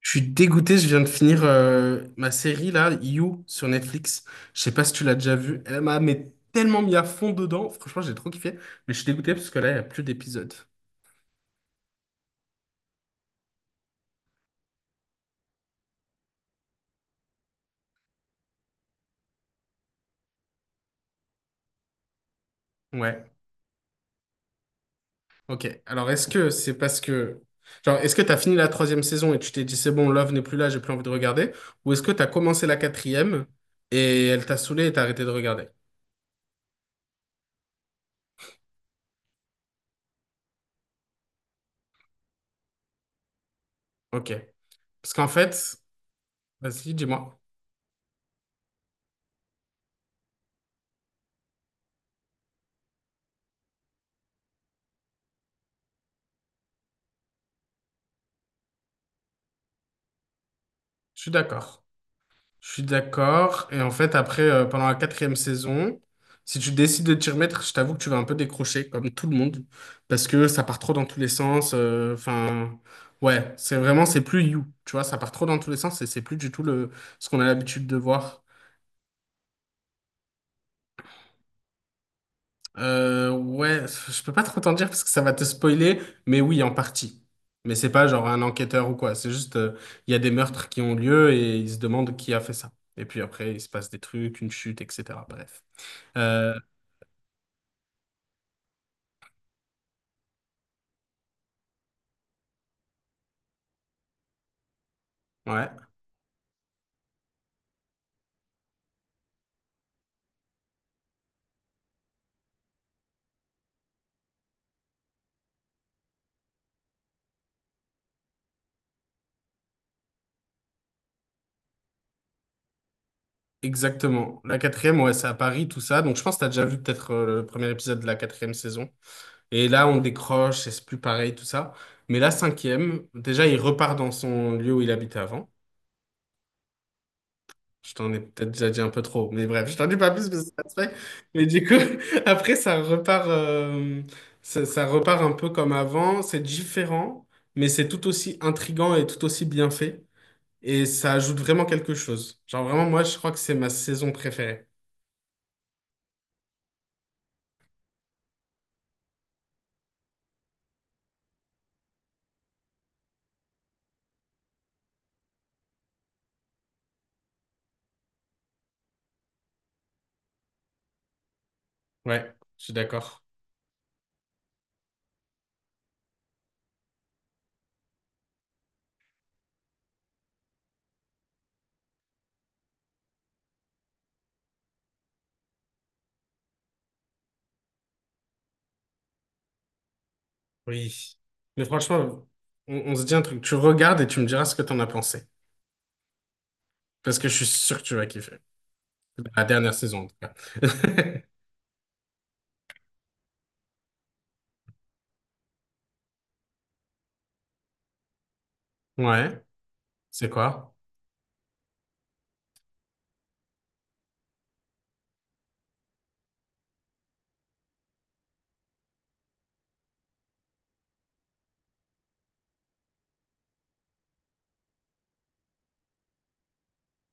Je suis dégoûté, je viens de finir ma série là, You, sur Netflix. Je sais pas si tu l'as déjà vue. Elle m'a mais tellement mis à fond dedans. Franchement, j'ai trop kiffé. Mais je suis dégoûté parce que là, il n'y a plus d'épisodes. Ouais. Ok. Alors, est-ce que c'est parce que. Genre, est-ce que t'as fini la troisième saison et tu t'es dit c'est bon, Love n'est plus là, j'ai plus envie de regarder? Ou est-ce que t'as commencé la quatrième et elle t'a saoulé et t'as arrêté de regarder? Ok. Parce qu'en fait, vas-y, dis-moi. Je suis d'accord. Je suis d'accord. Et en fait, après, pendant la quatrième saison, si tu décides de t'y remettre, je t'avoue que tu vas un peu décrocher, comme tout le monde, parce que ça part trop dans tous les sens. Enfin, ouais, c'est vraiment, c'est plus You, tu vois, ça part trop dans tous les sens et c'est plus du tout le, ce qu'on a l'habitude de voir. Ouais, je peux pas trop t'en dire parce que ça va te spoiler, mais oui, en partie. Mais c'est pas genre un enquêteur ou quoi, c'est juste, il y a des meurtres qui ont lieu et ils se demandent qui a fait ça. Et puis après, il se passe des trucs, une chute, etc. Bref. Euh, Ouais, exactement. La quatrième, ouais, c'est à Paris, tout ça. Donc, je pense que tu as déjà vu peut-être le premier épisode de la quatrième saison. Et là, on décroche, et c'est plus pareil, tout ça. Mais la cinquième, déjà, il repart dans son lieu où il habitait avant. Je t'en ai peut-être déjà dit un peu trop, mais bref, je t'en dis pas plus parce que ça se fait. Mais du coup, après, ça repart, ça repart un peu comme avant. C'est différent, mais c'est tout aussi intriguant et tout aussi bien fait. Et ça ajoute vraiment quelque chose. Genre, vraiment, moi, je crois que c'est ma saison préférée. Ouais, je suis d'accord. Oui. Mais franchement, on se dit un truc. Tu regardes et tu me diras ce que t'en as pensé. Parce que je suis sûr que tu vas kiffer. La dernière saison, en tout cas. Ouais, c'est quoi?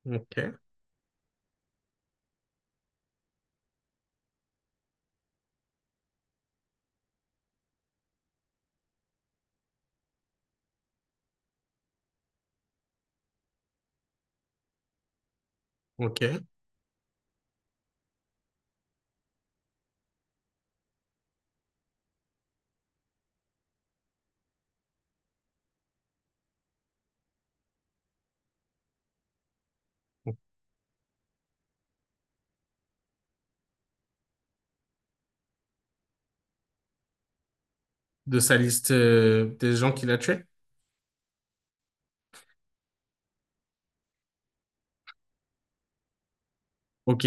Ok, ok. De sa liste des gens qu'il a tués? Ok,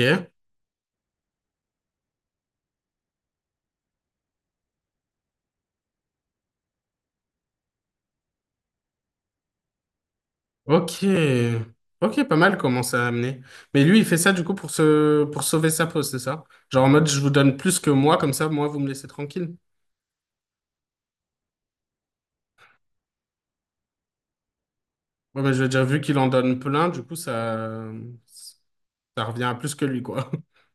ok. Ok, pas mal comment ça a amené. Mais lui, il fait ça du coup pour se... pour sauver sa peau, c'est ça? Genre en mode, je vous donne plus que moi, comme ça, moi, vous me laissez tranquille. Ouais, mais je veux dire, vu qu'il en donne plein, du coup, ça... Ça revient à plus que lui, quoi.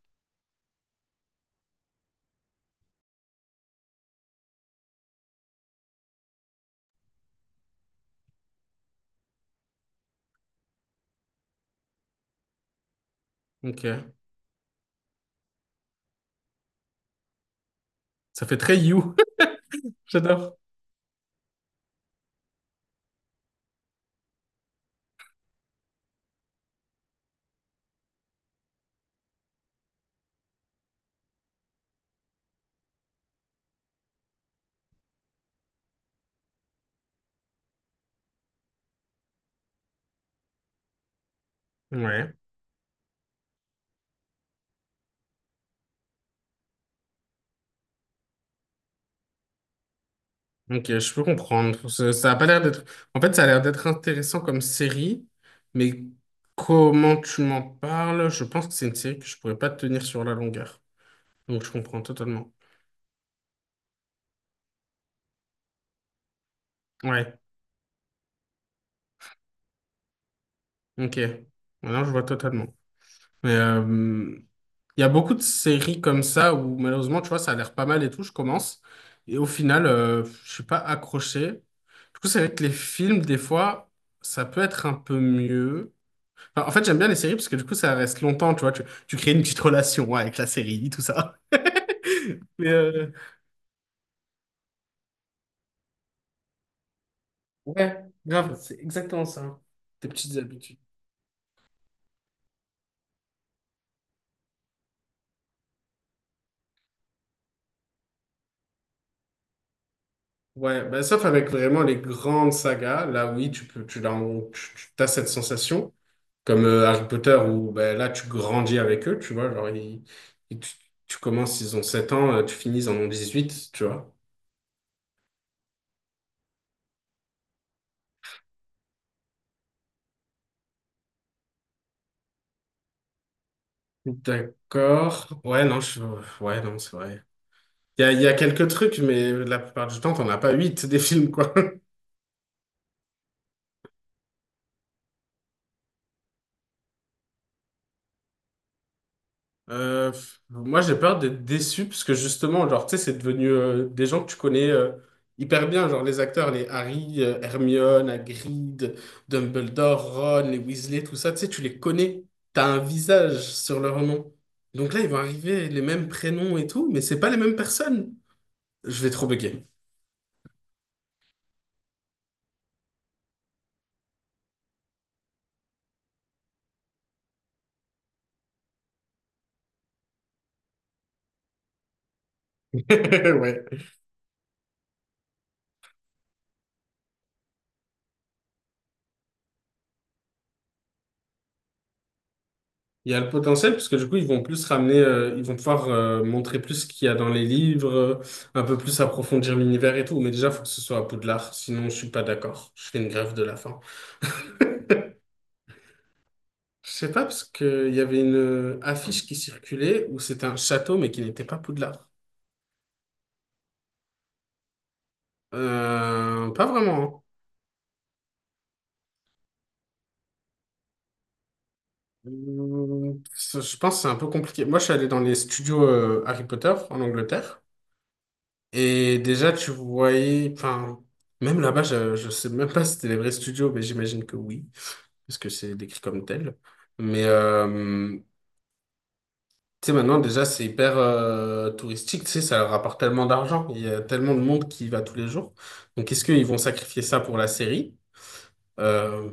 Ok. Ça fait très You. J'adore. Ouais. Ok, je peux comprendre. Ça a pas l'air d'être. En fait, ça a l'air d'être intéressant comme série, mais comment tu m'en parles? Je pense que c'est une série que je pourrais pas tenir sur la longueur. Donc, je comprends totalement. Ouais. Ok. Maintenant, je vois totalement. Mais, il y a beaucoup de séries comme ça où malheureusement, tu vois, ça a l'air pas mal et tout, je commence. Et au final, je suis pas accroché. Du coup, c'est vrai que les films, des fois, ça peut être un peu mieux. Enfin, en fait, j'aime bien les séries parce que du coup, ça reste longtemps, tu vois. Tu crées une petite relation ouais, avec la série, tout ça. Mais ouais, grave, c'est exactement ça. Tes petites habitudes. Ouais, bah, sauf avec vraiment les grandes sagas, là oui, tu peux, tu, l'as- tu, tu as cette sensation. Comme Harry Potter, où ben, là, tu grandis avec eux, tu vois. Genre, ils- tu, tu commences, ils ont 7 ans, tu finis, ils en ont huit tu vois. D'accord. Ouais, non, c'est vrai. Il y a quelques trucs, mais la plupart du temps, t'en as pas 8 des films, quoi. Pff, moi, j'ai peur d'être déçu parce que justement, genre, tu sais, c'est devenu des gens que tu connais hyper bien, genre les acteurs, les Harry, Hermione, Hagrid, Dumbledore, Ron, les Weasley, tout ça, tu sais, tu les connais, t'as un visage sur leur nom. Donc là, ils vont arriver les mêmes prénoms et tout, mais c'est pas les mêmes personnes. Je vais trop bugger. Ouais. Il y a le potentiel, parce que du coup, ils vont plus ramener, ils vont pouvoir montrer plus ce qu'il y a dans les livres, un peu plus approfondir l'univers et tout. Mais déjà, il faut que ce soit à Poudlard, sinon je suis pas d'accord. Je fais une grève de la faim. Je sais pas, parce qu'il y avait une affiche qui circulait où c'était un château, mais qui n'était pas Poudlard. Pas vraiment. Hein. Ça, je pense que c'est un peu compliqué. Moi, je suis allé dans les studios Harry Potter en Angleterre. Et déjà, tu voyais, enfin, même là-bas, je sais même pas si c'était les vrais studios, mais j'imagine que oui, parce que c'est décrit comme tel. Mais, tu sais, maintenant, déjà, c'est hyper touristique, tu sais, ça leur rapporte tellement d'argent, il y a tellement de monde qui y va tous les jours. Donc, est-ce qu'ils vont sacrifier ça pour la série? Euh,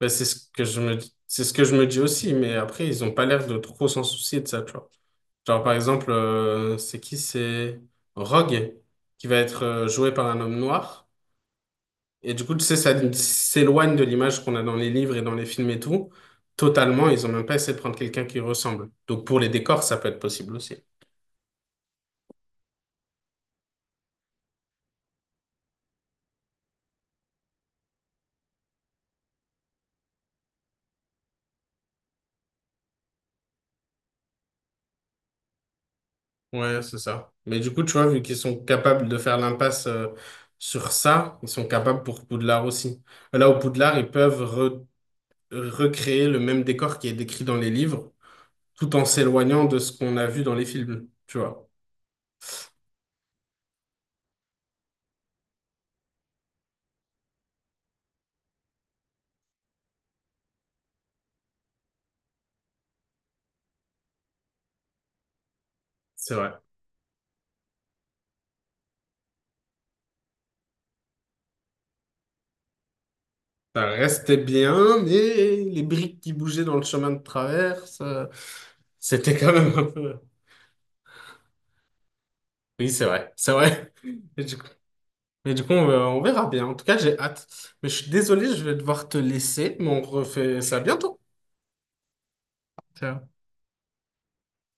ben, c'est ce que je me dis aussi, mais après, ils ont pas l'air de trop s'en soucier de ça, tu vois. Genre, par exemple, c'est qui? C'est Rogue, qui va être joué par un homme noir. Et du coup, tu sais, ça s'éloigne de l'image qu'on a dans les livres et dans les films et tout. Totalement, ils ont même pas essayé de prendre quelqu'un qui ressemble. Donc pour les décors, ça peut être possible aussi. Ouais, c'est ça. Mais du coup, tu vois, vu qu'ils sont capables de faire l'impasse sur ça, ils sont capables pour Poudlard aussi. Là, au Poudlard, ils peuvent recréer le même décor qui est décrit dans les livres, tout en s'éloignant de ce qu'on a vu dans les films, tu vois. C'est vrai. Ça restait bien, mais les briques qui bougeaient dans le chemin de travers, ça- c'était quand même un peu... Oui, c'est vrai, c'est vrai. Et du coup, mais du coup, on verra bien. En tout cas, j'ai hâte. Mais je suis désolé, je vais devoir te laisser, mais on refait ça bientôt. Ciao.